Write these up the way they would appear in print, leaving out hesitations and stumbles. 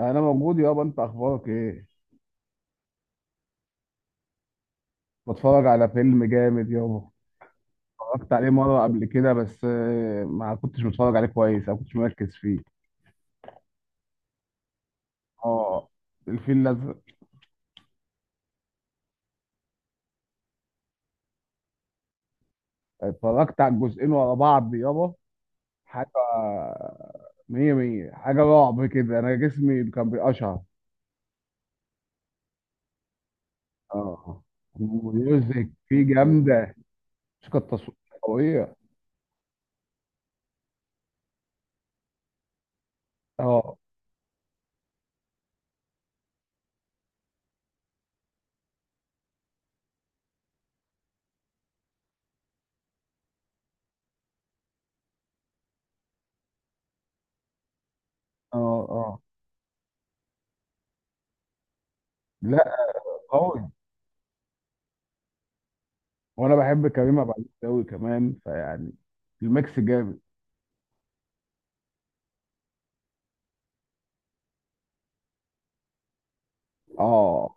انا موجود يابا، انت اخبارك ايه؟ بتفرج على فيلم جامد يابا. اتفرجت عليه مره قبل كده بس ما كنتش متفرج عليه كويس او كنتش مركز فيه. اه الفيل الازرق. اتفرجت على الجزئين ورا بعض يابا. حاجه مية مية، حاجه رعب كده، انا جسمي كان بيقشعر. اه الميوزك فيه جامده، موسيقى التصوير قويه. اه اه اه. لا قوي. وانا بحب كريم عبد العزيز قوي كمان فيعني الميكس جامد. اه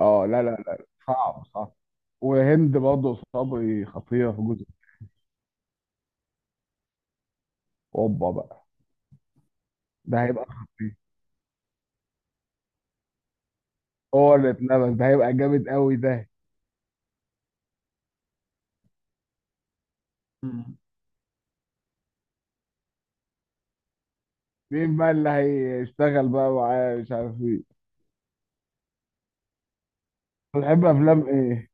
اه. لا لا لا صعب صعب. وهند برضه صبري خطيره في جزء. اوبا بقى، ده هيبقى خطير. هو اللي اتنبس، ده هيبقى جامد قوي ده. مم. مين بقى اللي هيشتغل بقى معاه مش عارف ايه؟ بتحب افلام ايه؟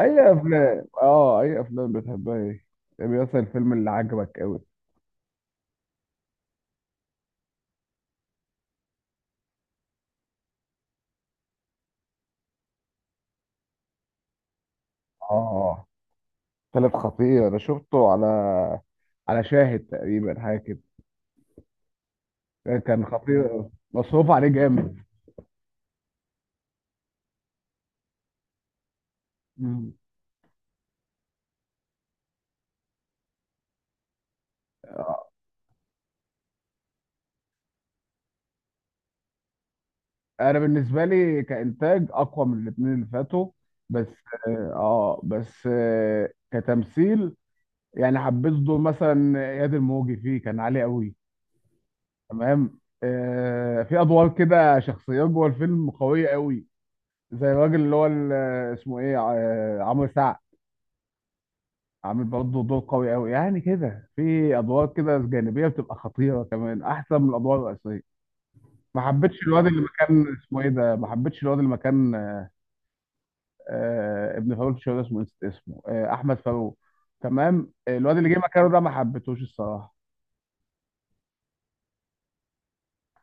اي افلام، اه اي افلام بتحبها ايه؟ يعني مثلا الفيلم اللي عجبك قوي. اه ثلاث خطير، انا شفته على على شاهد تقريبا حاجه كده. كان خطير أوي، مصروف عليه جامد. مم. انا بالنسبه لي كانتاج اقوى من الاثنين اللي فاتوا بس. بس آه كتمثيل، يعني حبيت دور مثلا اياد الموجي فيه كان عالي قوي. تمام، آه في ادوار كده، شخصيات جوه الفيلم قويه قوي. زي الراجل اللي هو اسمه ايه، عمرو سعد. عامل برضه دور قوي قوي، يعني كده في ادوار كده جانبيه بتبقى خطيره كمان احسن من الادوار الرئيسيه. ما حبيتش الواد اللي مكان اسمه ايه ده، ما حبيتش الواد اللي مكان آه ابن فاروق، مش فاكر اسمه، نسيت اسمه، آه احمد فاروق. تمام، الواد اللي جه مكانه ده ما حبيتهوش الصراحه.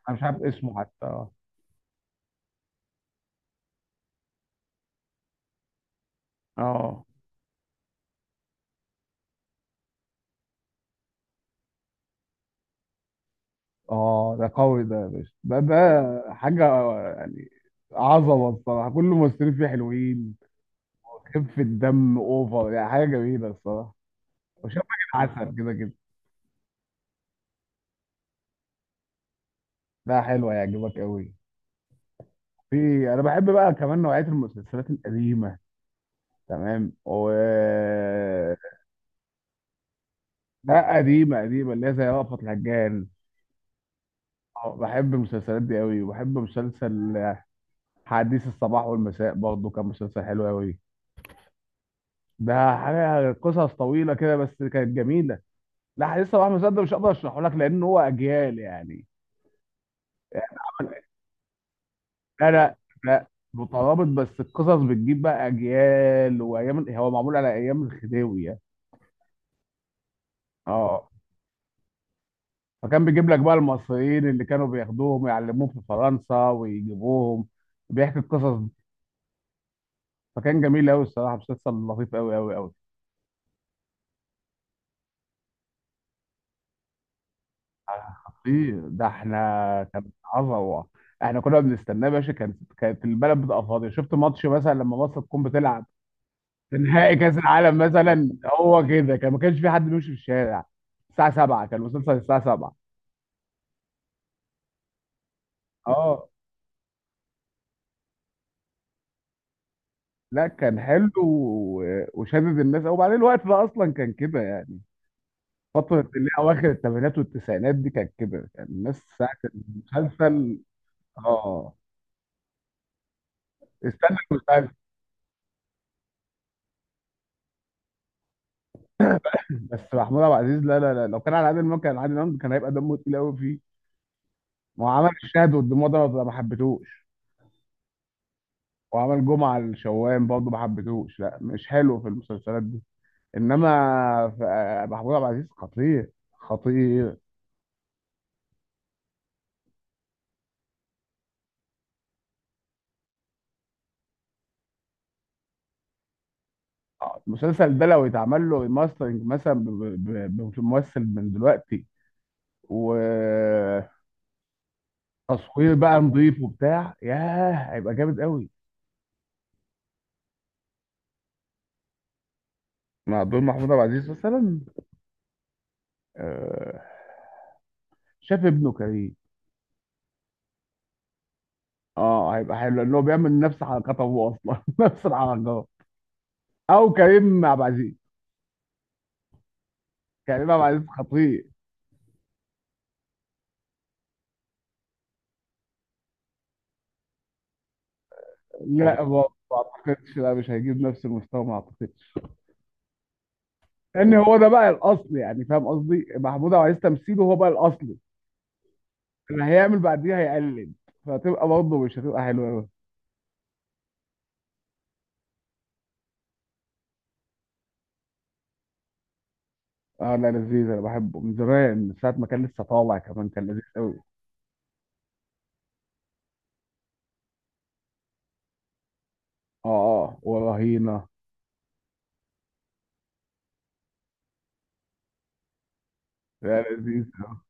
انا مش عارف اسمه حتى. اه اه. آه، ده قوي ده يا باشا، ده ده حاجه يعني. عظمه الصراحه، كل الممثلين فيه حلوين. خفه الدم اوفر، يعني حاجه جميله الصراحه. وشاب عسل كده كده. ده حلو، هيعجبك قوي. في انا بحب بقى كمان نوعيه المسلسلات القديمه، تمام و لا قديمه قديمه اللي هي زي رأفت الهجان. بحب المسلسلات دي قوي. وبحب مسلسل حديث الصباح والمساء برضه، كان مسلسل حلو قوي. ده حاجه قصص طويله كده بس كانت جميله. لا حديث الصباح والمساء ده مش هقدر اشرحه لك لان هو اجيال يعني. لا لا لا. مترابط بس القصص بتجيب بقى اجيال وايام، هو معمول على ايام الخديوي يعني. اه. فكان بيجيب لك بقى المصريين اللي كانوا بياخدوهم يعلموهم في فرنسا ويجيبوهم بيحكي القصص دي. فكان جميل قوي الصراحه، مسلسل لطيف قوي قوي قوي. خطير، ده احنا كان عظمه. احنا كنا بنستناه يا باشا، كانت كانت البلد بتبقى فاضيه، شفت ماتش مثلا لما مصر تكون بتلعب في نهائي كاس العالم مثلا. هو كده كان، ما كانش في حد بيمشي في الشارع. الساعه 7 كان المسلسل الساعه 7. اه لا كان حلو وشدد الناس، وبعدين الوقت ده اصلا كان كده يعني. فتره اللي هي اواخر الثمانينات والتسعينات دي كانت كده، كان الناس ساعه المسلسل. اه. استنى المسلسل، بس محمود عبد العزيز لا لا لا. لو كان على عادل امام كان عادل امام كان هيبقى دمه تقيل قوي فيه، ما هو عمل الشهد والدموع ده ما حبيتهوش. وعمل جمعة الشوام برضه ما حبيتهوش، لا مش حلو في المسلسلات دي. انما محمود عبد العزيز خطير، خطير. آه، المسلسل ده لو يتعمل له ريماسترنج مثلا بممثل من دلوقتي، وتصوير بقى نظيف وبتاع، ياه هيبقى جامد قوي. مع دور محمود عبد العزيز مثلا، آه، شاف ابنه كريم. اه هيبقى حلو لان هو بيعمل نفس حركات ابوه اصلا نفس الحركات. او كريم عبد العزيز. كريم عبد العزيز خطير. كريم لا ما ما اعتقدش، لا مش هيجيب نفس المستوى ما اعتقدش. لان هو ده بقى الاصل، يعني فاهم قصدي، محمود عبد العزيز تمثيله هو بقى الاصل، اللي هيعمل بعديها هيقلد، فهتبقى برضه مش هتبقى حلوه قوي. اه لا لذيذ، انا بحبه من زمان، من ساعه ما كان لسه طالع كمان كان لذيذ قوي. اه اه ورهينه. لا لذيذ اه.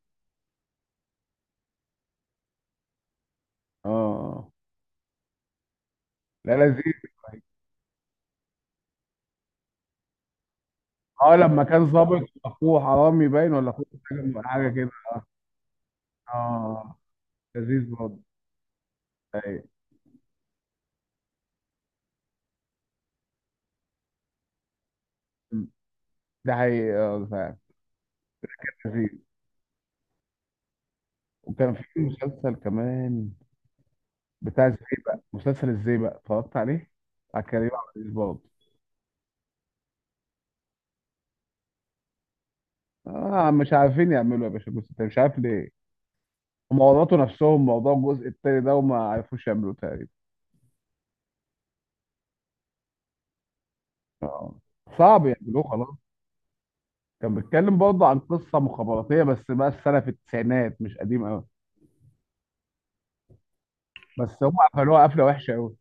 آه. لا لذيذ اه، لما كان ظابط اخوه حرامي باين، ولا اخوه سجن ولا حاجه كده. اه لذيذ برضه. أيوة. ده حقيقي اه، ده فعلا لذيذ. وكان في مسلسل كمان بتاع ازاي، بقى مسلسل ازاي بقى، اتفرجت عليه؟ على كريم عبد العزيز برضه. اه مش عارفين يعملوا إيه يا باشا، الجزء التاني مش عارف ليه، هم ورطوا نفسهم موضوع الجزء التاني ده وما عرفوش يعملوه تقريبا. اه صعب يعملوه خلاص. كان بيتكلم برضه عن قصه مخابراتيه، بس بقى السنه في التسعينات مش قديم قوي. بس هم قفلوها قفله وحشه قوي.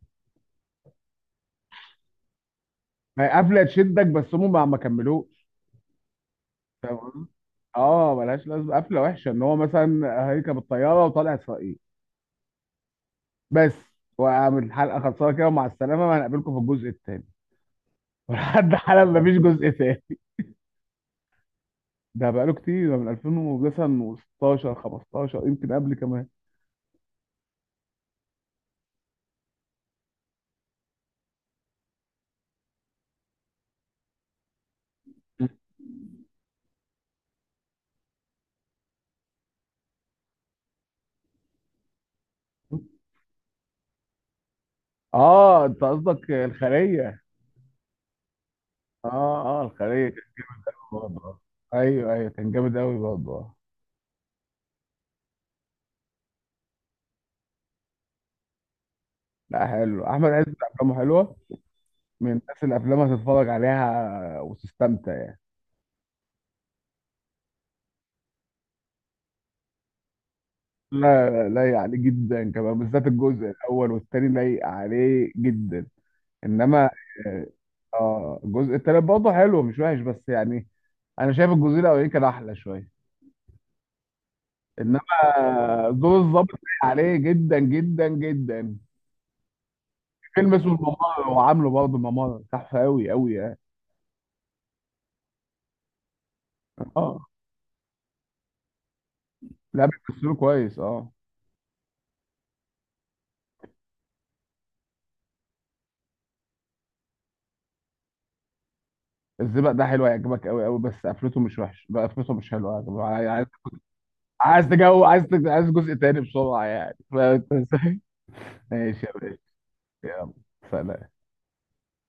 ما هي قفله تشدك، بس هم ما كملوش. تمام. اه ملهاش لازمه قفله وحشه، ان هو مثلا هيركب الطياره وطالع اسرائيل بس. وعامل الحلقه خلصانه كده، ومع السلامه هنقابلكم في الجزء الثاني، ولحد حالا مفيش جزء ثاني. ده بقاله كتير ده، من 2016 15 يمكن قبل كمان. اه انت قصدك الخليه. اه اه الخليه كان برضه. ايوه ايوه كان جامد قوي برضه. لا حلو احمد عز، افلامه حلوه، من الناس اللي افلامها تتفرج عليها وتستمتع يعني. لا لايق عليه جدا كمان، بالذات الجزء الاول والتاني لايق عليه جدا. انما اه الجزء التالت برضه حلو مش وحش بس يعني، انا شايف الجزء الاولاني كان احلى شويه. انما دور الظابط لايق عليه جدا جدا جدا. فيلم اسمه الممر، هو عامله برضه ممر تحفه قوي قوي يعني. اه لا بيمثلوا كويس اه. الزبق ده حلو، هيعجبك قوي قوي، بس قفلته مش وحش بقى، قفلته مش حلوه يعني. عايز تجو عايز جزء تاني بسرعة يعني فاهم. ماشي يا باشا. يلا سلام